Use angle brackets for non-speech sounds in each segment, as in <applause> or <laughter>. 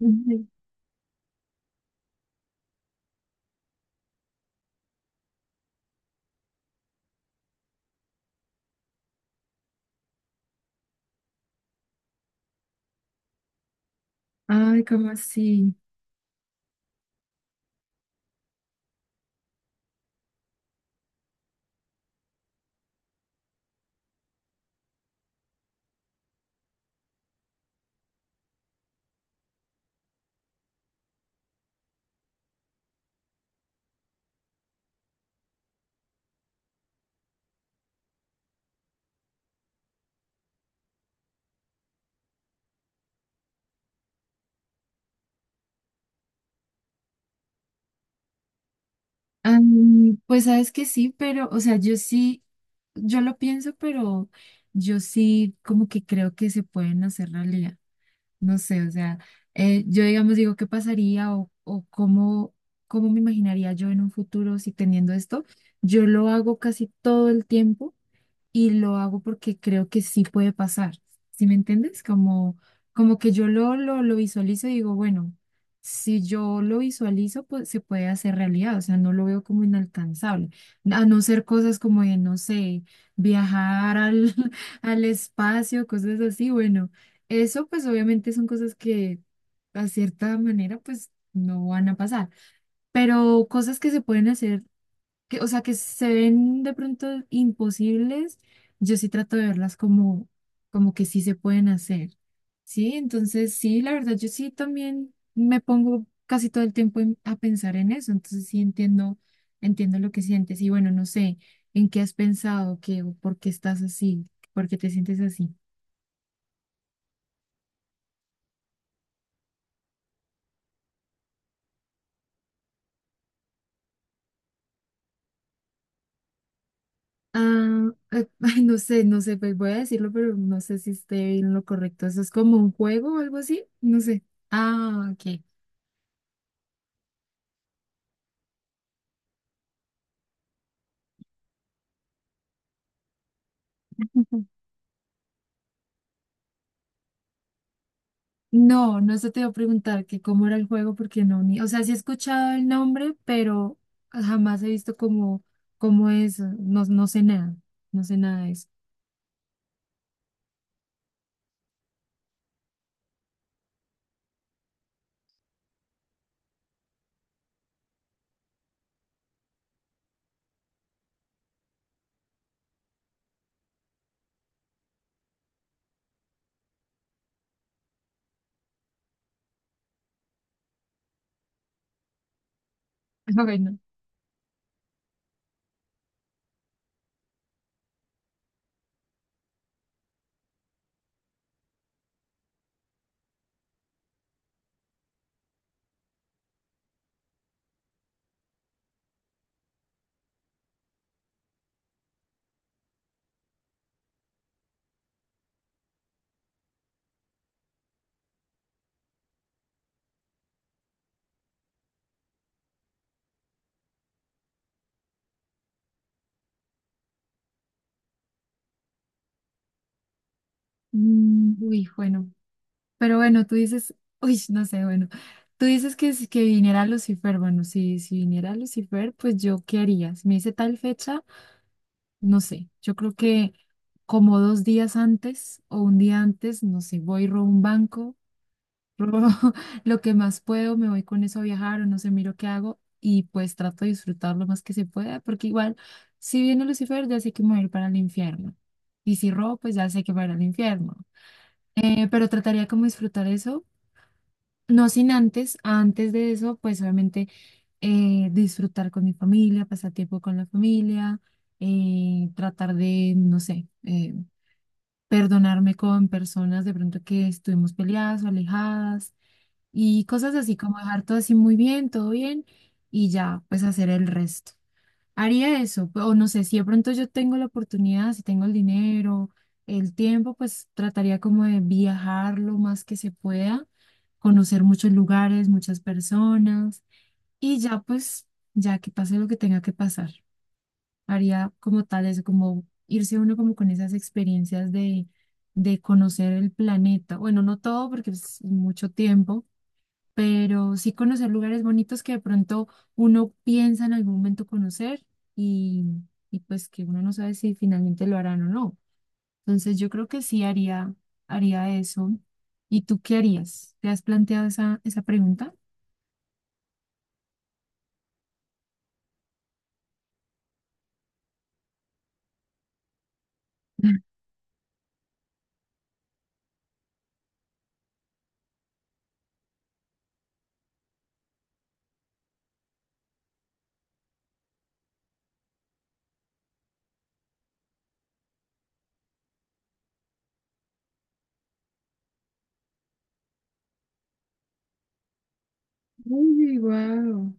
Ujú. Ay, ¿cómo así? Pues sabes que sí, pero, o sea, yo lo pienso, pero yo sí como que creo que se pueden hacer realidad. No sé, o sea, yo digamos digo, ¿qué pasaría o cómo, cómo me imaginaría yo en un futuro si teniendo esto? Yo lo hago casi todo el tiempo y lo hago porque creo que sí puede pasar. ¿Sí me entiendes? Como, como que yo lo visualizo y digo, bueno, si yo lo visualizo, pues se puede hacer realidad, o sea, no lo veo como inalcanzable. A no ser cosas como de, no sé, viajar al, <laughs> al espacio, cosas así, bueno, eso pues obviamente son cosas que a cierta manera pues no van a pasar, pero cosas que se pueden hacer que, o sea, que se ven de pronto imposibles, yo sí trato de verlas como, como que sí se pueden hacer, ¿sí? Entonces, sí, la verdad, yo sí también me pongo casi todo el tiempo a pensar en eso, entonces sí entiendo, entiendo lo que sientes y bueno, no sé, ¿en qué has pensado? ¿Qué, o por qué estás así? ¿Por qué te sientes así? Ah, <laughs> ay, no sé, no sé, pues voy a decirlo, pero no sé si esté en lo correcto. ¿Eso es como un juego o algo así? No sé. Ah, ok. <laughs> No, no se te iba a preguntar que cómo era el juego, porque no, ni, o sea, sí he escuchado el nombre, pero jamás he visto cómo, cómo es, no, no sé nada, no sé nada de eso. <laughs> Bueno, uy, bueno, pero bueno, tú dices, uy, no sé, bueno, tú dices que, que viniera Lucifer, bueno, si, si viniera Lucifer, pues yo, ¿qué haría? Si me dice tal fecha, no sé, yo creo que como dos días antes o un día antes, no sé, voy, robo un banco, robo <laughs> lo que más puedo, me voy con eso a viajar o no sé, miro qué hago y pues trato de disfrutar lo más que se pueda, porque igual, si viene Lucifer, ya sé que me voy a ir para el infierno. Y si robo, pues ya sé que para el infierno. Pero trataría como disfrutar eso, no sin antes, antes de eso, pues obviamente disfrutar con mi familia, pasar tiempo con la familia, tratar de, no sé, perdonarme con personas de pronto que estuvimos peleadas o alejadas y cosas así como dejar todo así muy bien, todo bien y ya pues hacer el resto. Haría eso, o no sé, si de pronto yo tengo la oportunidad, si tengo el dinero, el tiempo, pues trataría como de viajar lo más que se pueda, conocer muchos lugares, muchas personas y ya pues ya que pase lo que tenga que pasar. Haría como tal eso, como irse uno como con esas experiencias de conocer el planeta. Bueno, no todo porque pues, es mucho tiempo, pero sí conocer lugares bonitos que de pronto uno piensa en algún momento conocer y, y pues que uno no sabe si finalmente lo harán o no. Entonces yo creo que sí haría, haría eso. ¿Y tú qué harías? ¿Te has planteado esa pregunta? <laughs> Uy, wow.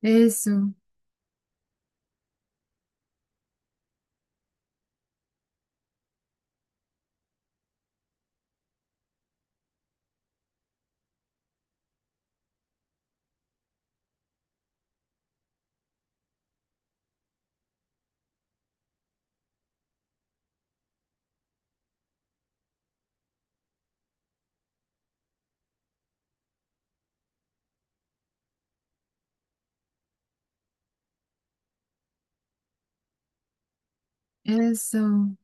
Eso, eso.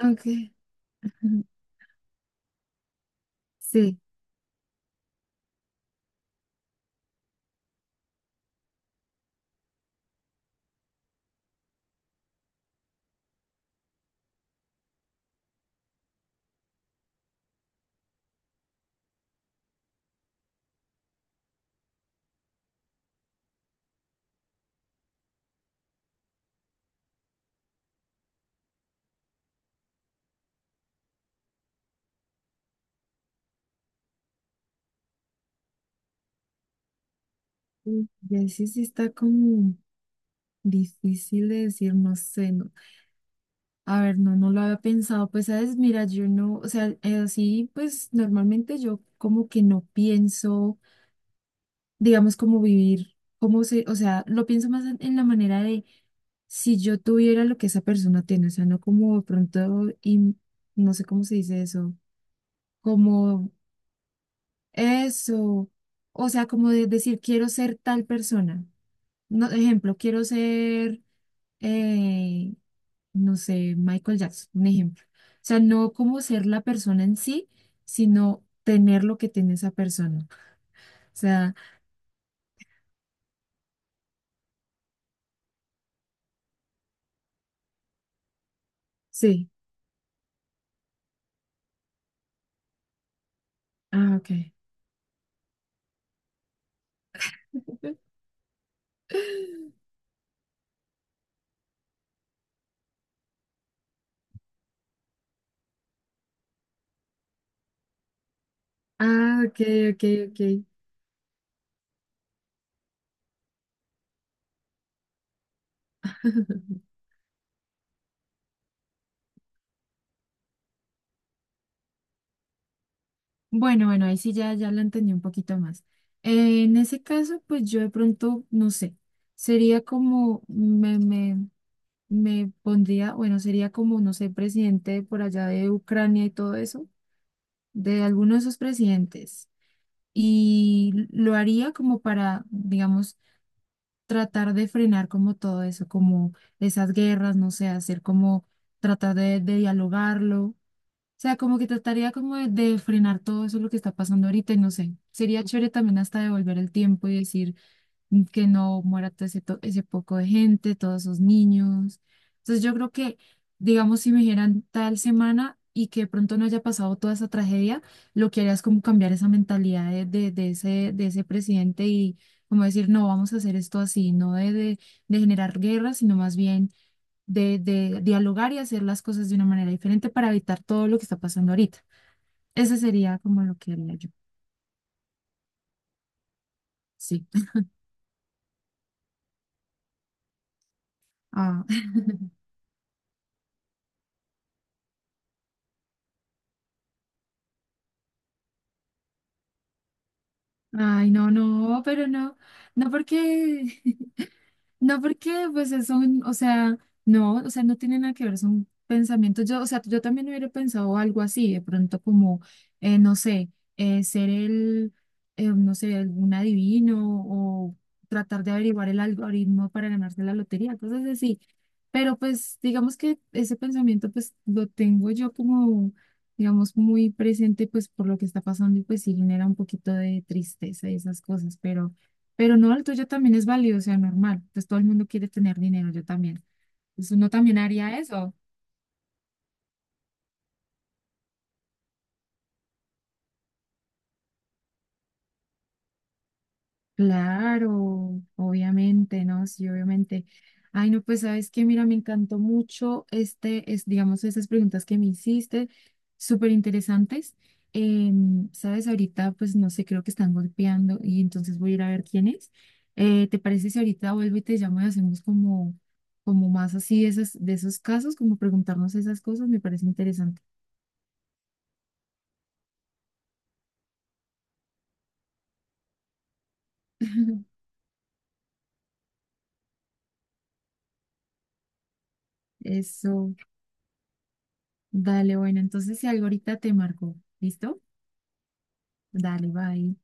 Ok. <laughs> Ujú. Sí. Ya sí, sí está como difícil de decir, no sé, no. A ver, no, no lo había pensado. Pues, sabes, mira, yo no, o sea, así, pues normalmente yo como que no pienso, digamos, como vivir, como se, o sea, lo pienso más en la manera de si yo tuviera lo que esa persona tiene, o sea, no como de pronto, y no sé cómo se dice eso, como eso, o sea, como de decir, quiero ser tal persona. No, ejemplo, quiero ser, eh, no sé, Michael Jackson, un ejemplo. O sea, no como ser la persona en sí, sino tener lo que tiene esa persona. O sea, sí. Ah, ok. <laughs> Ah, ok, ok, ok. Bueno, bueno, ahí sí ya, ya lo entendí un poquito más. En ese caso, pues yo de pronto, no sé, sería como, me pondría, bueno, sería como, no sé, presidente por allá de Ucrania y todo eso, de alguno de esos presidentes, y lo haría como para, digamos, tratar de frenar como todo eso, como esas guerras, no sé, hacer como tratar de dialogarlo. O sea, como que trataría como de frenar todo eso lo que está pasando ahorita y no sé. Sería chévere también hasta devolver el tiempo y decir, que no muera todo ese, ese poco de gente, todos esos niños. Entonces yo creo que, digamos, si me dijeran tal semana y que de pronto no haya pasado toda esa tragedia, lo que haría es como cambiar esa mentalidad de de ese presidente y como decir, no, vamos a hacer esto así, no de generar guerra, sino más bien de dialogar y hacer las cosas de una manera diferente para evitar todo lo que está pasando ahorita. Ese sería como lo que haría yo. Sí. <laughs> Ah. Ay, no, no, pero no, no porque, <laughs> no, porque pues eso, o sea, no, o sea, no tiene nada que ver, son pensamientos. Yo, o sea, yo también hubiera pensado algo así, de pronto como, no sé, ser el, no sé, algún adivino o tratar de averiguar el algoritmo para ganarse la lotería, cosas así. Pero pues digamos que ese pensamiento pues lo tengo yo como, digamos, muy presente pues por lo que está pasando y pues sí genera un poquito de tristeza y esas cosas, pero... Pero no, el tuyo también es válido, o sea, normal. Entonces todo el mundo quiere tener dinero, yo también. Entonces uno también haría eso. Claro, obviamente, ¿no? Sí, obviamente. Ay, no, pues sabes que, mira, me encantó mucho este, es, digamos, esas preguntas que me hiciste, súper interesantes. Sabes, ahorita, pues no sé, creo que están golpeando y entonces voy a ir a ver quién es. ¿Te parece si ahorita vuelvo y te llamo y hacemos como, como más así de esas, de esos casos, como preguntarnos esas cosas? Me parece interesante. <laughs> Eso, dale, bueno, entonces si algo ahorita te marco, ¿listo? Dale, bye.